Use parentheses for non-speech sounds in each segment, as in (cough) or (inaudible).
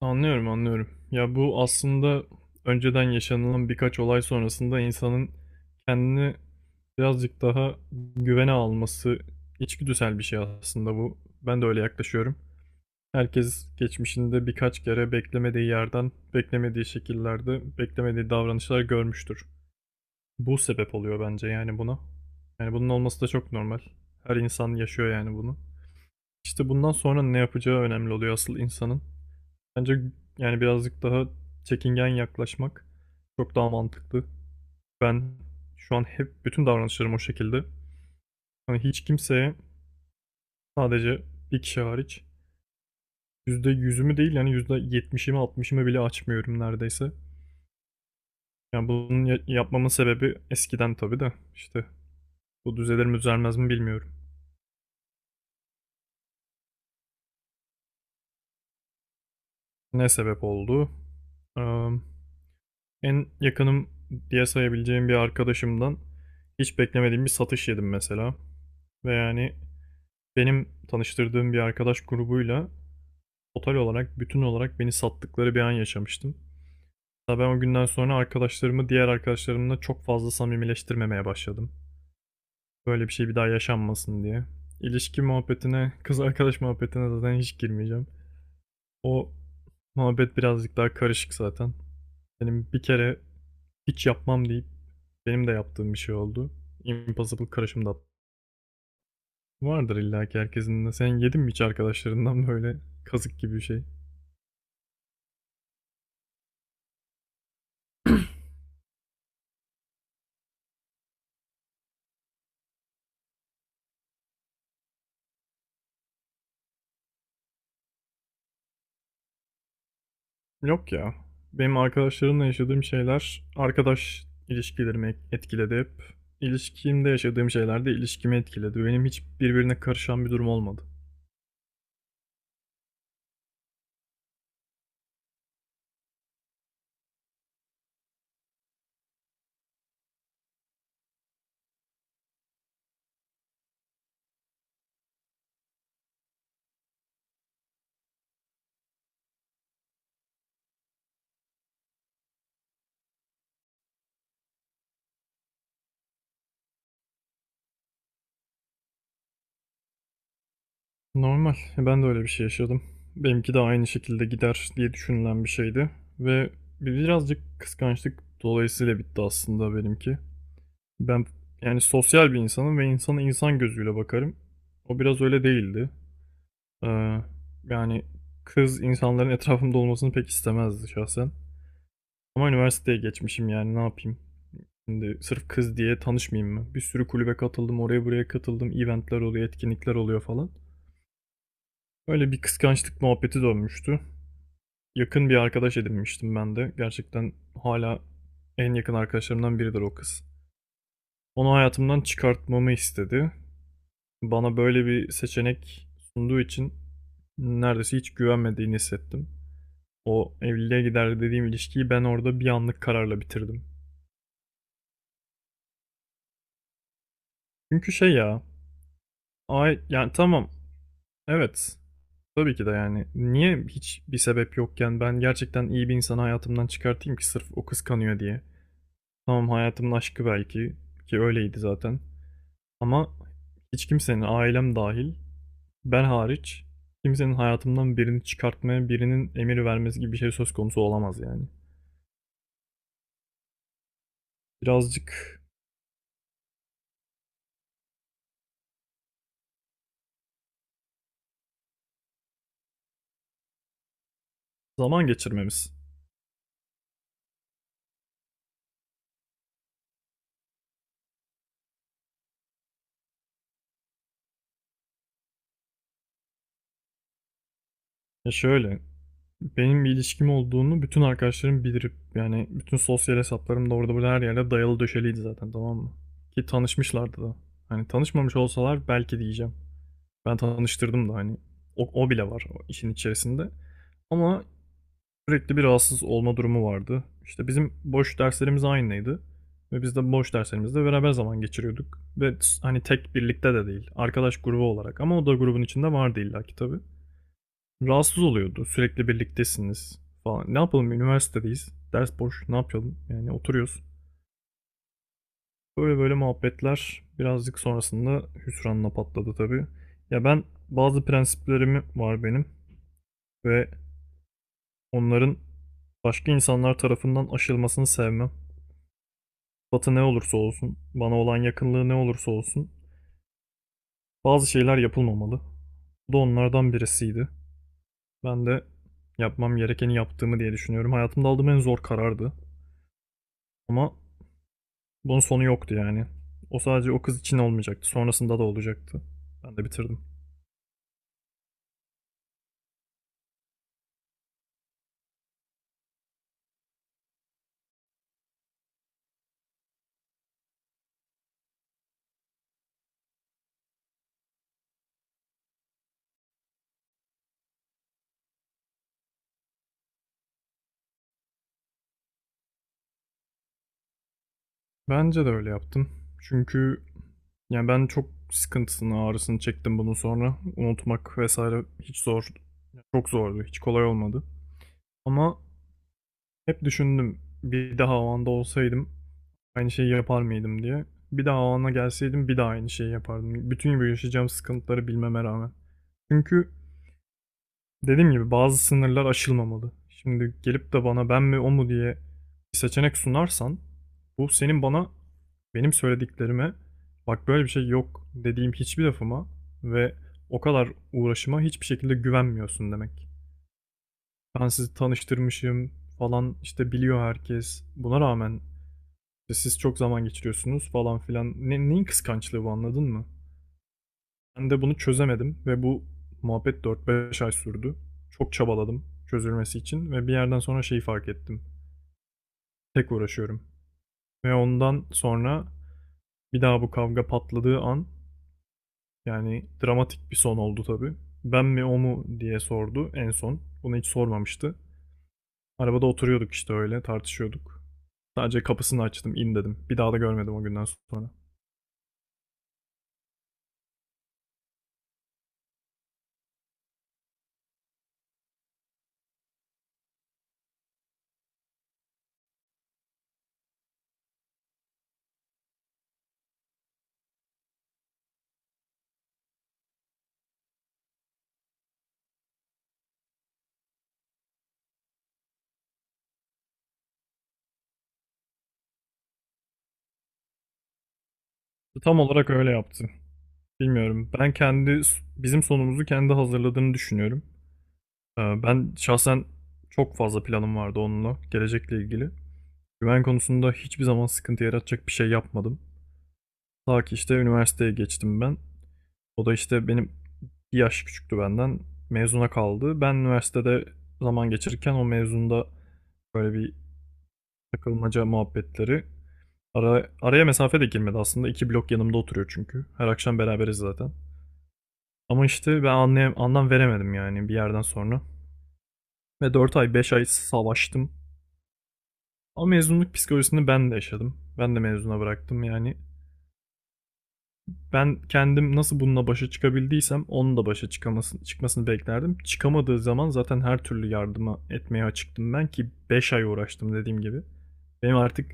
Anlıyorum, anlıyorum. Ya bu aslında önceden yaşanılan birkaç olay sonrasında insanın kendini birazcık daha güvene alması içgüdüsel bir şey aslında bu. Ben de öyle yaklaşıyorum. Herkes geçmişinde birkaç kere beklemediği yerden, beklemediği şekillerde, beklemediği davranışlar görmüştür. Bu sebep oluyor bence yani buna. Yani bunun olması da çok normal. Her insan yaşıyor yani bunu. İşte bundan sonra ne yapacağı önemli oluyor asıl insanın. Bence yani birazcık daha çekingen yaklaşmak çok daha mantıklı. Ben şu an hep bütün davranışlarım o şekilde. Hani hiç kimseye sadece bir kişi hariç yüzde yüzümü değil yani yüzde yetmişimi altmışımı bile açmıyorum neredeyse. Yani bunun yapmamın sebebi eskiden tabii de işte bu düzelir mi düzelmez mi bilmiyorum. Ne sebep oldu? Eee, En yakınım diye sayabileceğim bir arkadaşımdan hiç beklemediğim bir satış yedim mesela. Ve yani benim tanıştırdığım bir arkadaş grubuyla total olarak, bütün olarak beni sattıkları bir an yaşamıştım. Hatta ben o günden sonra arkadaşlarımı diğer arkadaşlarımla çok fazla samimileştirmemeye başladım. Böyle bir şey bir daha yaşanmasın diye. İlişki muhabbetine, kız arkadaş muhabbetine zaten hiç girmeyeceğim. O muhabbet birazcık daha karışık zaten. Benim bir kere hiç yapmam deyip benim de yaptığım bir şey oldu. Impossible karışımda vardır illa ki herkesin de. Sen yedin mi hiç arkadaşlarından böyle kazık gibi bir şey? Yok ya. Benim arkadaşlarımla yaşadığım şeyler arkadaş ilişkilerimi etkiledi hep. İlişkimde yaşadığım şeyler de ilişkimi etkiledi. Benim hiç birbirine karışan bir durum olmadı. Normal. Ben de öyle bir şey yaşadım. Benimki de aynı şekilde gider diye düşünülen bir şeydi. Ve birazcık kıskançlık dolayısıyla bitti aslında benimki. Ben yani sosyal bir insanım ve insana insan gözüyle bakarım. O biraz öyle değildi. Ee, Yani kız insanların etrafımda olmasını pek istemezdi şahsen. Ama üniversiteye geçmişim, yani ne yapayım? Şimdi sırf kız diye tanışmayayım mı? Bir sürü kulübe katıldım, oraya buraya katıldım, eventler oluyor, etkinlikler oluyor falan. Öyle bir kıskançlık muhabbeti dönmüştü. Yakın bir arkadaş edinmiştim ben de. Gerçekten hala en yakın arkadaşlarımdan biridir o kız. Onu hayatımdan çıkartmamı istedi. Bana böyle bir seçenek sunduğu için neredeyse hiç güvenmediğini hissettim. O evliliğe gider dediğim ilişkiyi ben orada bir anlık kararla bitirdim. Çünkü şey ya, ay yani tamam. Evet. Tabii ki de yani. Niye hiç bir sebep yokken ben gerçekten iyi bir insanı hayatımdan çıkartayım ki sırf o kıskanıyor diye. Tamam, hayatımın aşkı belki, ki öyleydi zaten. Ama hiç kimsenin, ailem dahil, ben hariç kimsenin hayatımdan birini çıkartmaya, birinin emir vermesi gibi bir şey söz konusu olamaz yani. Birazcık zaman geçirmemiz. Ya şöyle, benim bir ilişkim olduğunu bütün arkadaşlarım bilir. Yani bütün sosyal hesaplarım da orada burada her yerde dayalı döşeliydi zaten, tamam mı? Ki tanışmışlardı da. Hani tanışmamış olsalar belki diyeceğim. Ben tanıştırdım da hani, o, o bile var o işin içerisinde. Ama sürekli bir rahatsız olma durumu vardı. İşte bizim boş derslerimiz aynıydı. Ve biz de boş derslerimizde beraber zaman geçiriyorduk. Ve hani tek birlikte de değil. Arkadaş grubu olarak. Ama o da grubun içinde vardı illaki, tabii rahatsız oluyordu. Sürekli birliktesiniz falan. Ne yapalım, üniversitedeyiz. Ders boş. Ne yapalım? Yani oturuyoruz. Böyle böyle muhabbetler birazcık sonrasında hüsranla patladı tabii. Ya ben, bazı prensiplerim var benim ve onların başka insanlar tarafından aşılmasını sevmem. Batı ne olursa olsun, bana olan yakınlığı ne olursa olsun bazı şeyler yapılmamalı. Bu da onlardan birisiydi. Ben de yapmam gerekeni yaptığımı diye düşünüyorum. Hayatımda aldığım en zor karardı. Ama bunun sonu yoktu yani. O sadece o kız için olmayacaktı. Sonrasında da olacaktı. Ben de bitirdim. Bence de öyle yaptım. Çünkü yani ben çok sıkıntısını, ağrısını çektim bunun sonra. Unutmak vesaire hiç zor. Çok zordu. Hiç kolay olmadı. Ama hep düşündüm. Bir daha o anda olsaydım aynı şeyi yapar mıydım diye. Bir daha o ana gelseydim bir daha aynı şeyi yapardım. Bütün bu yaşayacağım sıkıntıları bilmeme rağmen. Çünkü dediğim gibi bazı sınırlar aşılmamalı. Şimdi gelip de bana ben mi o mu diye bir seçenek sunarsan, bu senin bana, benim söylediklerime, bak böyle bir şey yok dediğim hiçbir lafıma ve o kadar uğraşıma hiçbir şekilde güvenmiyorsun demek. Ben sizi tanıştırmışım falan, işte biliyor herkes. Buna rağmen işte siz çok zaman geçiriyorsunuz falan filan. Neyin kıskançlığı bu, anladın mı? Ben de bunu çözemedim ve bu muhabbet 4-5 ay sürdü. Çok çabaladım çözülmesi için ve bir yerden sonra şeyi fark ettim. Tek uğraşıyorum. Ve ondan sonra bir daha bu kavga patladığı an, yani dramatik bir son oldu tabii. Ben mi o mu diye sordu en son. Bunu hiç sormamıştı. Arabada oturuyorduk işte, öyle tartışıyorduk. Sadece kapısını açtım, in dedim. Bir daha da görmedim o günden sonra. Tam olarak öyle yaptı. Bilmiyorum. Ben kendi, bizim sonumuzu kendi hazırladığını düşünüyorum. Ben şahsen çok fazla planım vardı onunla, gelecekle ilgili. Güven konusunda hiçbir zaman sıkıntı yaratacak bir şey yapmadım. Ta ki işte üniversiteye geçtim ben. O da işte benim bir yaş küçüktü benden. Mezuna kaldı. Ben üniversitede zaman geçirirken o mezunda böyle bir takılmaca muhabbetleri. Araya mesafe de girmedi aslında. İki blok yanımda oturuyor çünkü. Her akşam beraberiz zaten. Ama işte ben anlam veremedim yani bir yerden sonra. Ve 4 ay 5 ay savaştım. Ama mezunluk psikolojisini ben de yaşadım. Ben de mezuna bıraktım yani. Ben kendim nasıl bununla başa çıkabildiysem onun da çıkmasını beklerdim. Çıkamadığı zaman zaten her türlü yardıma etmeye açıktım ben, ki 5 ay uğraştım dediğim gibi. Benim artık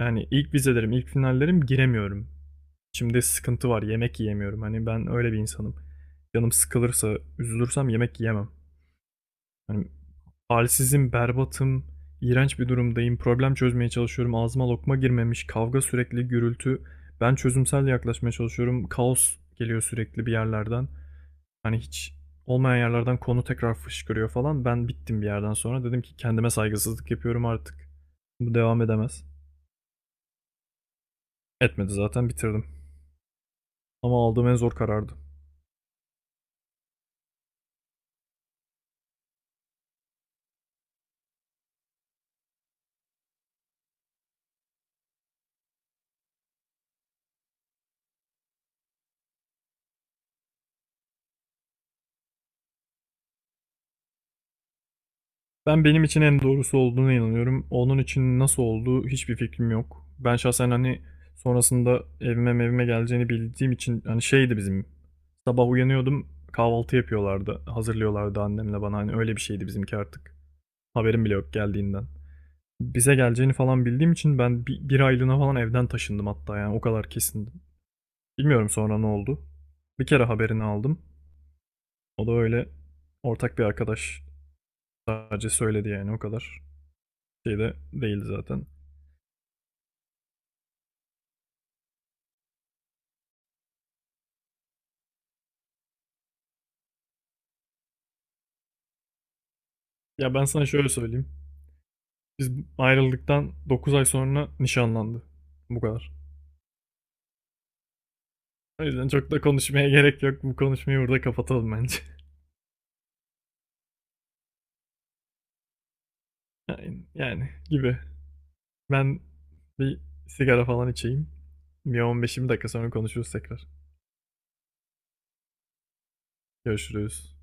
yani ilk vizelerim, ilk finallerim, giremiyorum. Şimdi sıkıntı var, yemek yiyemiyorum. Hani ben öyle bir insanım. Canım sıkılırsa, üzülürsem yemek yiyemem. Hani halsizim, berbatım, iğrenç bir durumdayım, problem çözmeye çalışıyorum, ağzıma lokma girmemiş, kavga sürekli, gürültü. Ben çözümsel yaklaşmaya çalışıyorum, kaos geliyor sürekli bir yerlerden. Hani hiç olmayan yerlerden konu tekrar fışkırıyor falan. Ben bittim bir yerden sonra. Dedim ki kendime saygısızlık yapıyorum artık. Bu devam edemez. Etmedi, zaten bitirdim. Ama aldığım en zor karardı. Ben benim için en doğrusu olduğuna inanıyorum. Onun için nasıl olduğu hiçbir fikrim yok. Ben şahsen hani sonrasında evime evime geleceğini bildiğim için hani şeydi bizim, sabah uyanıyordum kahvaltı yapıyorlardı hazırlıyorlardı annemle bana, hani öyle bir şeydi bizimki artık. Haberim bile yok geldiğinden. Bize geleceğini falan bildiğim için ben bir aylığına falan evden taşındım hatta, yani o kadar kesindim. Bilmiyorum sonra ne oldu. Bir kere haberini aldım. O da öyle, ortak bir arkadaş sadece söyledi yani, o kadar. Şey de değildi zaten. Ya ben sana şöyle söyleyeyim. Biz ayrıldıktan 9 ay sonra nişanlandı. Bu kadar. O yüzden çok da konuşmaya (laughs) gerek yok. Bu konuşmayı burada kapatalım bence. (laughs) Yani gibi. Ben bir sigara falan içeyim. Bir on beş 20 dakika sonra konuşuruz tekrar. Görüşürüz.